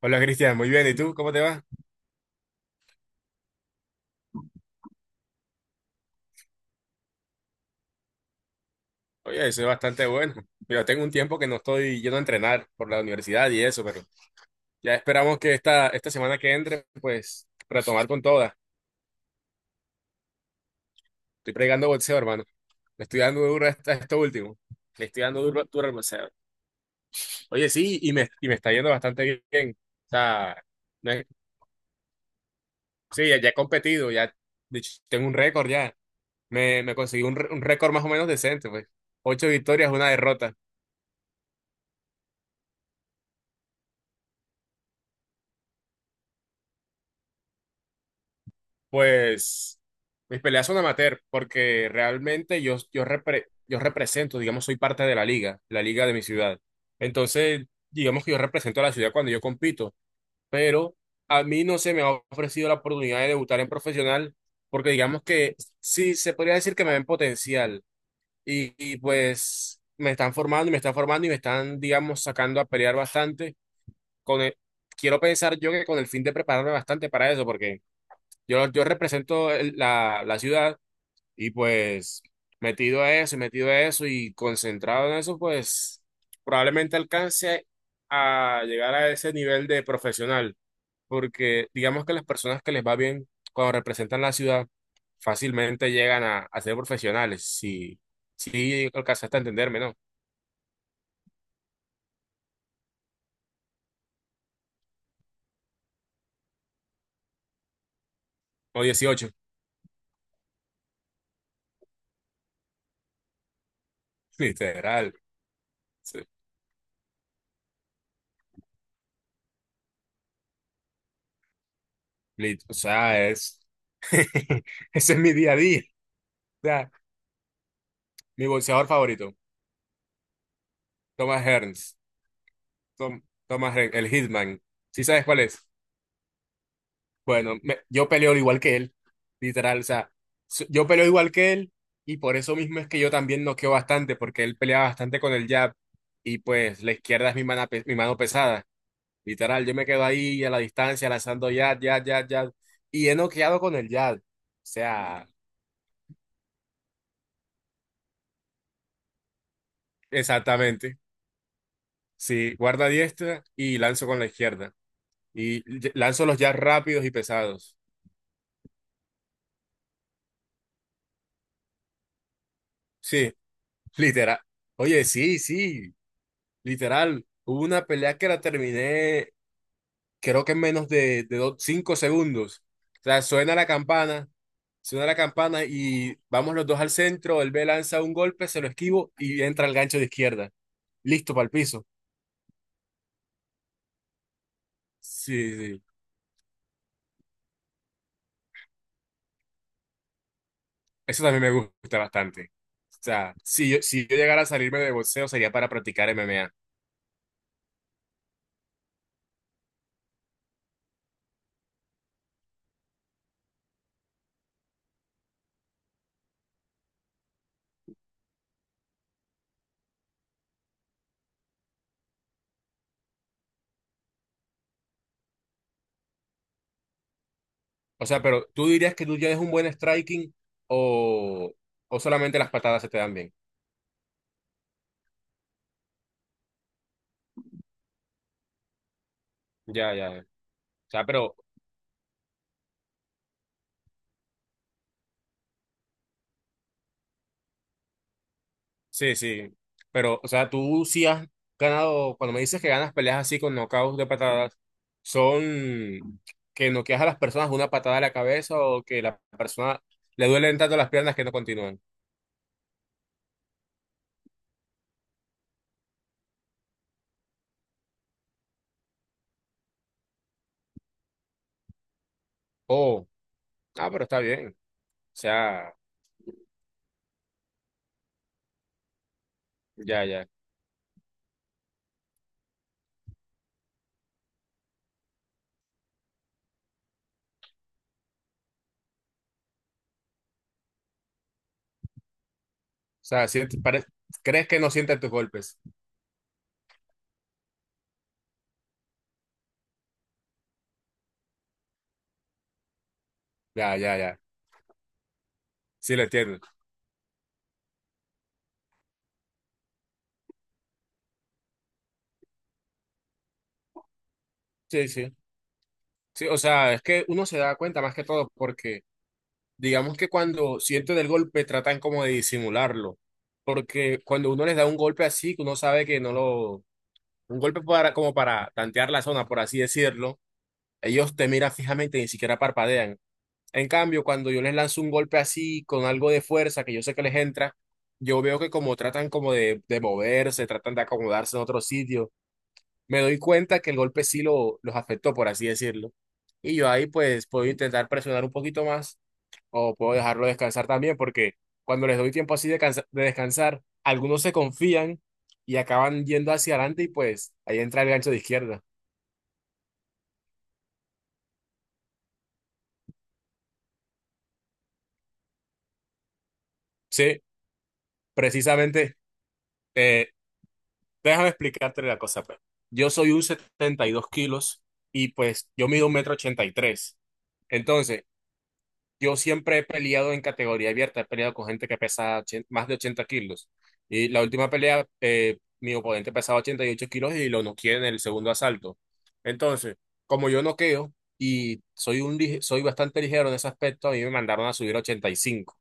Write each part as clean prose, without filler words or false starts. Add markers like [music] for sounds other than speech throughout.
Hola Cristian, muy bien. ¿Y tú? ¿Cómo te va? Oye, eso es bastante bueno. Yo tengo un tiempo que no estoy yendo a entrenar por la universidad y eso, pero ya esperamos que esta semana que entre, pues retomar con toda. Estoy pregando boxeo, hermano. Le estoy dando duro a a esto último. Le estoy dando duro, duro al boxeo. Oye, sí, y y me está yendo bastante bien. O sea, me- sí, ya he competido, ya de hecho, tengo un récord ya. Me conseguí un récord más o menos decente, pues. Ocho victorias, una derrota. Pues mis peleas son amateur porque realmente yo represento, digamos, soy parte de la liga, de mi ciudad. Entonces, digamos que yo represento a la ciudad cuando yo compito, pero a mí no se me ha ofrecido la oportunidad de debutar en profesional porque digamos que sí se podría decir que me ven potencial y pues me están formando y me están formando y me están, digamos, sacando a pelear bastante. Con el- Quiero pensar yo que con el fin de prepararme bastante para eso porque... Yo represento la ciudad y pues metido a eso y metido a eso y concentrado en eso, pues probablemente alcance a llegar a ese nivel de profesional, porque digamos que las personas que les va bien cuando representan la ciudad fácilmente llegan a ser profesionales, si alcanzaste a entenderme, ¿no? O dieciocho. [laughs] Literal. Sí. O sea, es... [laughs] Ese es mi día a día. O sea, mi boxeador favorito, Thomas Hearns. El Hitman. ¿Sí sabes cuál es? Bueno, yo peleo igual que él, literal. O sea, yo peleo igual que él y por eso mismo es que yo también noqueo bastante, porque él pelea bastante con el jab y pues la izquierda es mi mano pesada. Literal, yo me quedo ahí a la distancia lanzando jab, jab, jab, jab. Y he noqueado con el jab. O sea, exactamente. Sí, guarda diestra y lanzo con la izquierda. Y lanzo los jabs rápidos y pesados. Sí. Literal. Oye, sí, sí, literal. Hubo una pelea que la terminé, creo que en menos de cinco segundos. O sea, suena la campana y vamos los dos al centro. Él me lanza un golpe, se lo esquivo y entra el gancho de izquierda. Listo para el piso. Sí, sí. Eso también me gusta bastante. O sea, si yo llegara a salirme de boxeo sería para practicar MMA. O sea, pero ¿tú dirías que tú ya eres un buen striking o, o solamente las patadas se te dan bien? Ya, ya. O sea, pero, sí, sí. Pero, o sea, tú sí has ganado, cuando me dices que ganas peleas así con knockouts de patadas, ¿son que noqueas a las personas de una patada a la cabeza o que la persona le duelen tanto las piernas que no continúan? Oh, ah, pero está bien. O sea, ya, ya. O sea, sí te crees que no sienten tus golpes. Ya, ya, ya. Sí, lo entiendo. Sí, sí. Sí, o sea, es que uno se da cuenta más que todo porque digamos que cuando sienten el golpe tratan como de disimularlo, porque cuando uno les da un golpe así, que uno sabe que no lo, un golpe para, como para tantear la zona, por así decirlo, ellos te miran fijamente y ni siquiera parpadean. En cambio, cuando yo les lanzo un golpe así, con algo de fuerza que yo sé que les entra, yo veo que como tratan como de moverse, tratan de acomodarse en otro sitio, me doy cuenta que el golpe sí lo, los afectó, por así decirlo. Y yo ahí pues puedo intentar presionar un poquito más o puedo dejarlo descansar también, porque cuando les doy tiempo así de, de descansar, algunos se confían y acaban yendo hacia adelante y pues ahí entra el gancho de izquierda. Sí, precisamente, eh, déjame explicarte la cosa, pues. Yo soy un 72 kilos y pues yo mido un metro 83. Entonces, yo siempre he peleado en categoría abierta, he peleado con gente que pesa más de 80 kilos. Y la última pelea, mi oponente pesaba 88 kilos y lo noqueé en el segundo asalto. Entonces, como yo noqueo y soy, soy bastante ligero en ese aspecto, a mí me mandaron a subir a 85.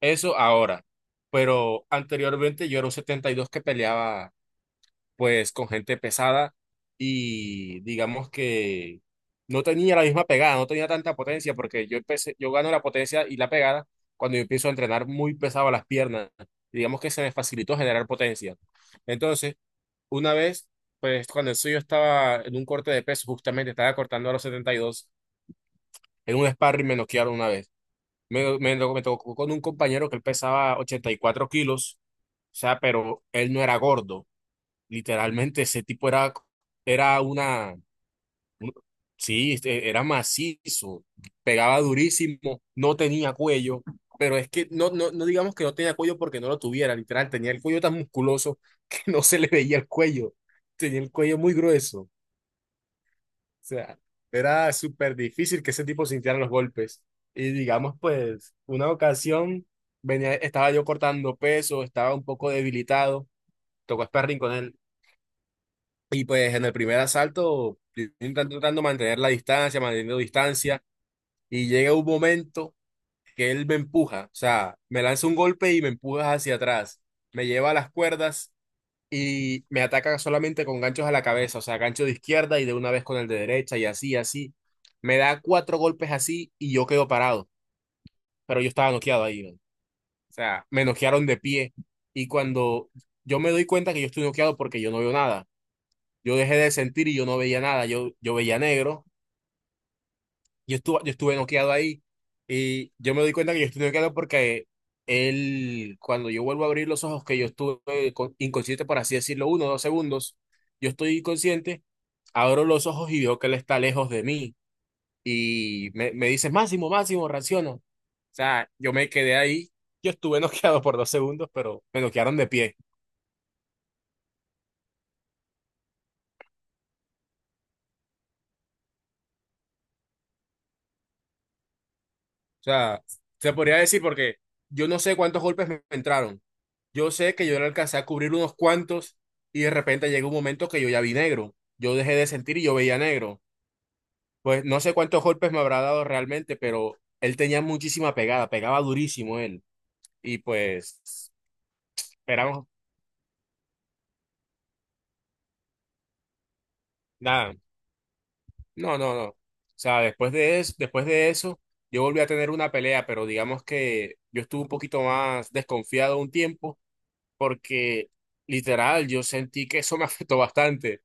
Eso ahora. Pero anteriormente yo era un 72 que peleaba pues con gente pesada y digamos que no tenía la misma pegada, no tenía tanta potencia porque yo empecé, yo gano la potencia y la pegada cuando yo empiezo a entrenar muy pesado las piernas. Digamos que se me facilitó generar potencia. Entonces, una vez, pues cuando eso yo estaba en un corte de peso, justamente estaba cortando a los 72 en un sparring me noquearon una vez. Me tocó con un compañero que él pesaba 84 kilos, o sea, pero él no era gordo. Literalmente ese tipo era, era una, un- sí, este, era macizo, pegaba durísimo, no tenía cuello, pero es que no digamos que no tenía cuello porque no lo tuviera, literal, tenía el cuello tan musculoso que [laughs] no se le veía el cuello, tenía el cuello muy grueso, o sea, era súper difícil que ese tipo sintiera los golpes. Y digamos, pues, una ocasión venía, estaba yo cortando peso, estaba un poco debilitado, tocó sparring con él. Y pues en el primer asalto, intentando tratando de mantener la distancia, manteniendo distancia, y llega un momento que él me empuja, o sea, me lanza un golpe y me empuja hacia atrás, me lleva a las cuerdas y me ataca solamente con ganchos a la cabeza, o sea, gancho de izquierda y de una vez con el de derecha y así, así. Me da cuatro golpes así y yo quedo parado, pero yo estaba noqueado ahí, ¿no? O sea, me noquearon de pie y cuando yo me doy cuenta que yo estoy noqueado porque yo no veo nada yo dejé de sentir y yo no veía nada, yo veía negro, yo estuve noqueado ahí y yo me doy cuenta que yo estuve noqueado porque él, cuando yo vuelvo a abrir los ojos, que yo estuve inconsciente, por así decirlo, uno o dos segundos, yo estoy inconsciente, abro los ojos y veo que él está lejos de mí y me dice, Máximo, Máximo, reacciona. O sea, yo me quedé ahí, yo estuve [laughs] noqueado por dos segundos, pero me noquearon de pie. O sea, se podría decir porque yo no sé cuántos golpes me entraron. Yo sé que yo le alcancé a cubrir unos cuantos y de repente llegó un momento que yo ya vi negro. Yo dejé de sentir y yo veía negro. Pues no sé cuántos golpes me habrá dado realmente, pero él tenía muchísima pegada, pegaba durísimo él. Y pues, esperamos, nada, no, no, no. O sea, después de eso, yo volví a tener una pelea, pero digamos que yo estuve un poquito más desconfiado un tiempo porque literal yo sentí que eso me [laughs] afectó bastante.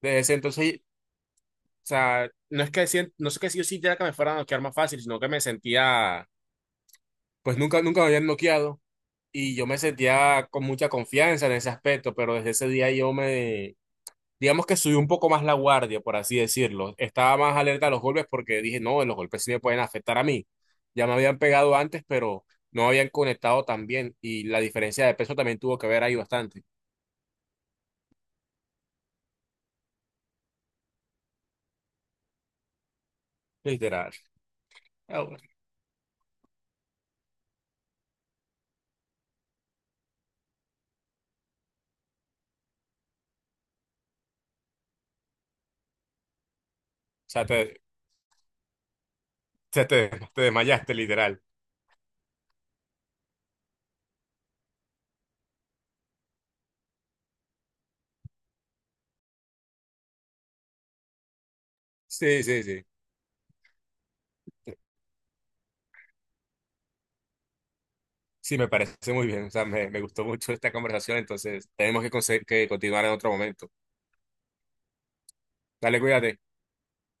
Desde ese entonces. O sea, no es que no es que yo sintiera que me fuera a noquear más fácil, sino que me sentía, pues nunca me habían noqueado y yo me sentía con mucha confianza en ese aspecto, pero desde ese día digamos que subí un poco más la guardia, por así decirlo. Estaba más alerta a los golpes porque dije, no, los golpes sí me pueden afectar a mí. Ya me habían pegado antes, pero no habían conectado tan bien y la diferencia de peso también tuvo que ver ahí bastante, literal. Ah, bueno. O sea, te, te te desmayaste, literal. Sí, sí, sí. Sí, me parece muy bien. O sea, me gustó mucho esta conversación, entonces tenemos que, que continuar en otro momento. Dale, cuídate.